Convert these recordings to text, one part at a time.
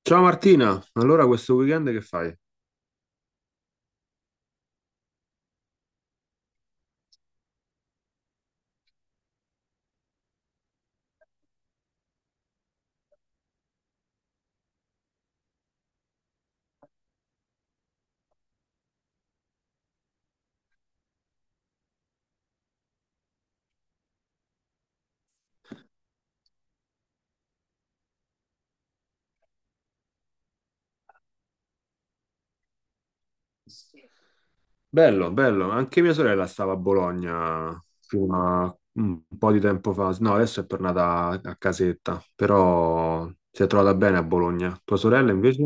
Ciao Martina, allora questo weekend che fai? Bello, bello, anche mia sorella stava a Bologna fino a un po' di tempo fa, no, adesso è tornata a casetta, però si è trovata bene a Bologna. Tua sorella invece?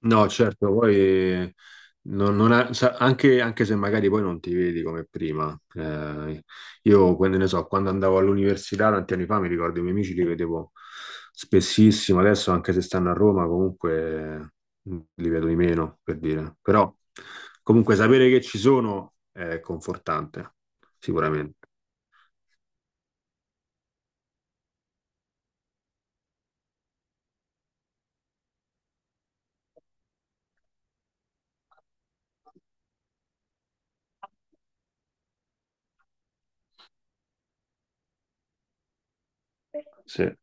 No, certo, poi non- non ha- sa- anche, anche se magari poi non ti vedi come prima. Io, quando andavo all'università tanti anni fa, mi ricordo i miei amici li vedevo spessissimo, adesso anche se stanno a Roma comunque li vedo di meno, per dire. Però comunque sapere che ci sono è confortante, sicuramente. Sì.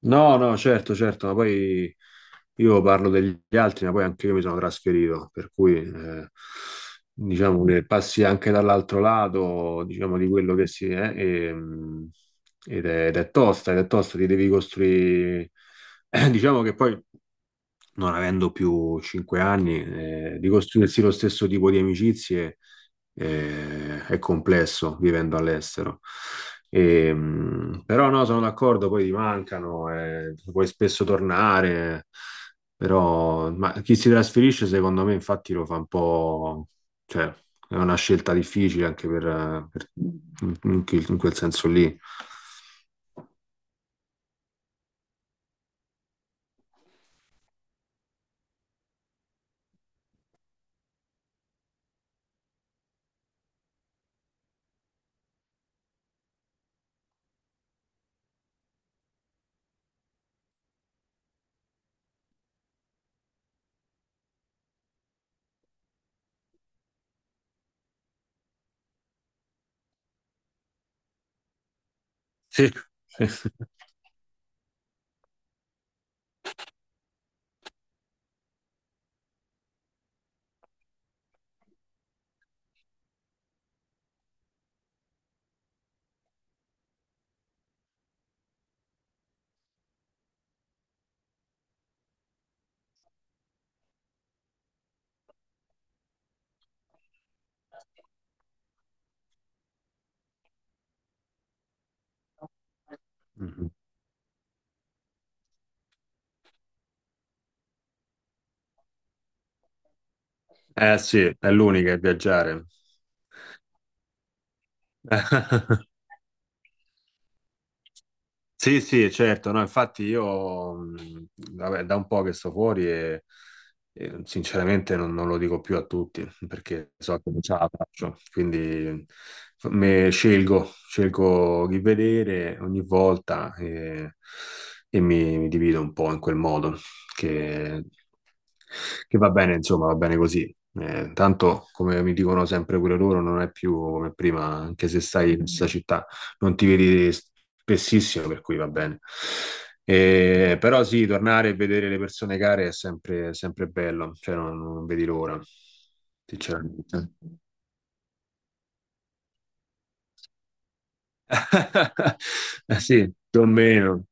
No, no, certo, certo, ma poi io parlo degli altri, ma poi anche io mi sono trasferito, per cui diciamo che passi anche dall'altro lato, diciamo, di quello che si è, ed è tosta, ed è tosta, ti devi costruire. Diciamo che poi non avendo più cinque anni, di costruirsi lo stesso tipo di amicizie è complesso vivendo all'estero. Però no, sono d'accordo, poi ti mancano, puoi spesso tornare, però ma chi si trasferisce secondo me infatti lo fa un po', cioè è una scelta difficile anche per, in quel senso lì. Sì. Mhm. Eh sì, è l'unica, è viaggiare. Sì, sì, certo, no, infatti io, vabbè, da un po' che sto fuori e sinceramente non, non lo dico più a tutti perché so che non ce la faccio, quindi scelgo chi vedere ogni volta e mi divido un po' in quel modo che, che va bene, insomma, va bene così. Tanto, come mi dicono sempre pure loro, non è più come prima, anche se stai in questa città non ti vedi spessissimo, per cui va bene. Però sì, tornare e vedere le persone care è sempre, sempre bello, cioè non, non vedi l'ora, sinceramente. Eh sì, più o meno.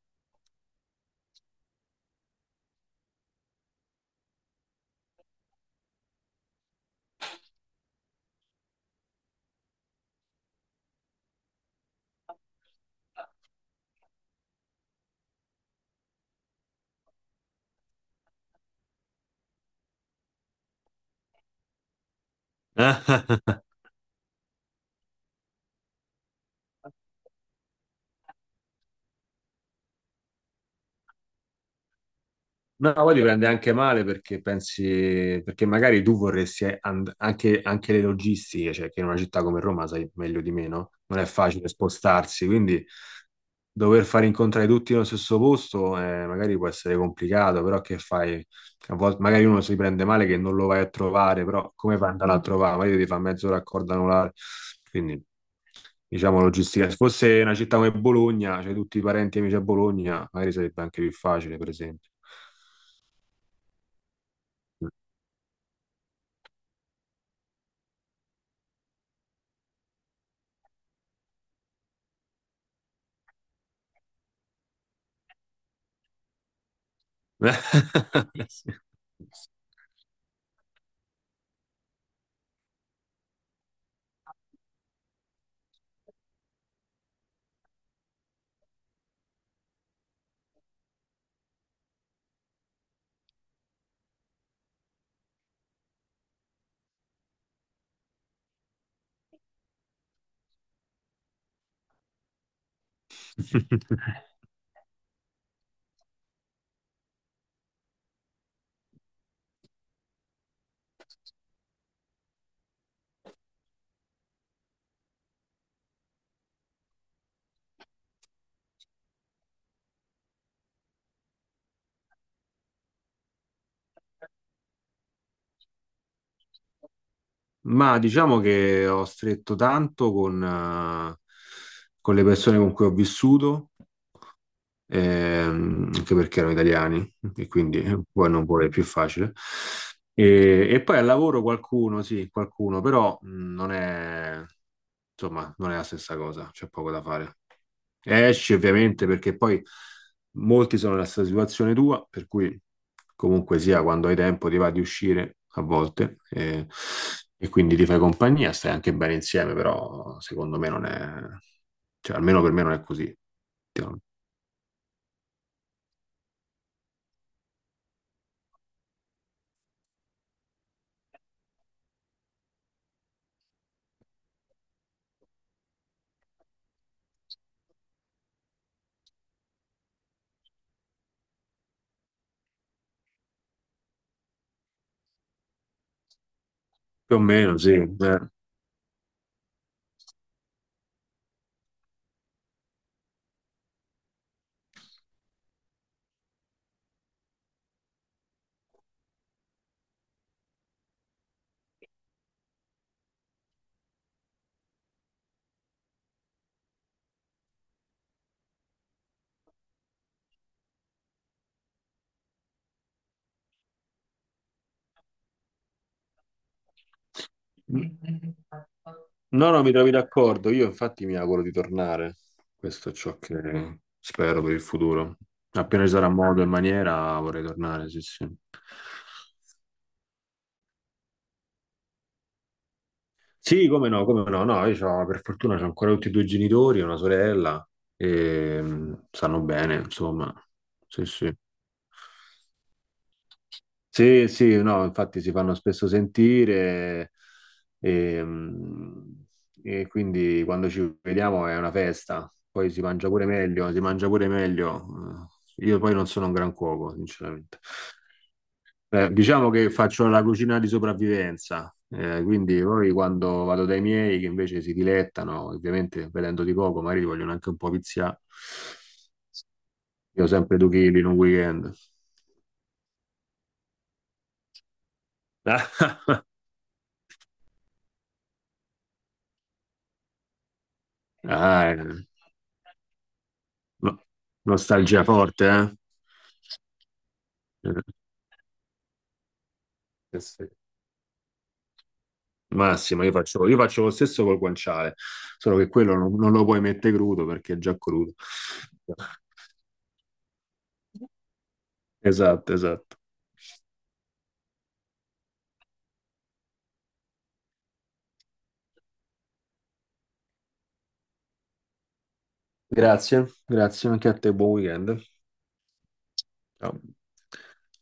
No, poi ti prende anche male perché pensi, perché magari tu vorresti anche, anche le logistiche, cioè che in una città come Roma sai meglio di me, no? Non è facile spostarsi, quindi dover far incontrare tutti nello stesso posto magari può essere complicato, però che fai? A volte magari uno si prende male che non lo vai a trovare, però come fai ad andare a Mm. Trovare? Magari ti fa mezzo raccordo anulare. Quindi diciamo logistica. Se fosse una città come Bologna, c'hai tutti i parenti e amici a Bologna, magari sarebbe anche più facile, per esempio. Sì. Ma diciamo che ho stretto tanto con le persone con cui ho vissuto anche perché erano italiani e quindi poi non vuole più facile. E poi al lavoro qualcuno, sì, qualcuno, però non è, insomma, non è la stessa cosa, c'è poco da fare. Esci ovviamente perché poi molti sono nella stessa situazione tua, per cui comunque sia quando hai tempo ti va di uscire a volte e quindi ti fai compagnia, stai anche bene insieme, però secondo me non è, cioè almeno per me non è così. Più o meno, sì. Eh. No, no, mi trovi d'accordo. Io infatti mi auguro di tornare. Questo è ciò che spero per il futuro. Appena ci sarà modo e maniera vorrei tornare, sì, sì. Sì, come no, come no. Io per fortuna ho ancora tutti e due i genitori, una sorella, e stanno bene, insomma. Sì, sì. Sì, sì, no, infatti si fanno spesso sentire e, mh, e quindi quando ci vediamo è una festa, poi si mangia pure meglio, si mangia pure meglio. Io poi non sono un gran cuoco, sinceramente. Diciamo che faccio la cucina di sopravvivenza, quindi poi quando vado dai miei che invece si dilettano, ovviamente vedendo di poco, magari li vogliono anche un po' viziare. Io sempre due chili in un weekend. Ah, eh. No, nostalgia forte, eh? Eh, Sì, sì. Massima, io faccio lo stesso col guanciale, solo che quello non, non lo puoi mettere crudo perché è già crudo. Esatto, esatto. Grazie, grazie anche a te, buon weekend. Ciao.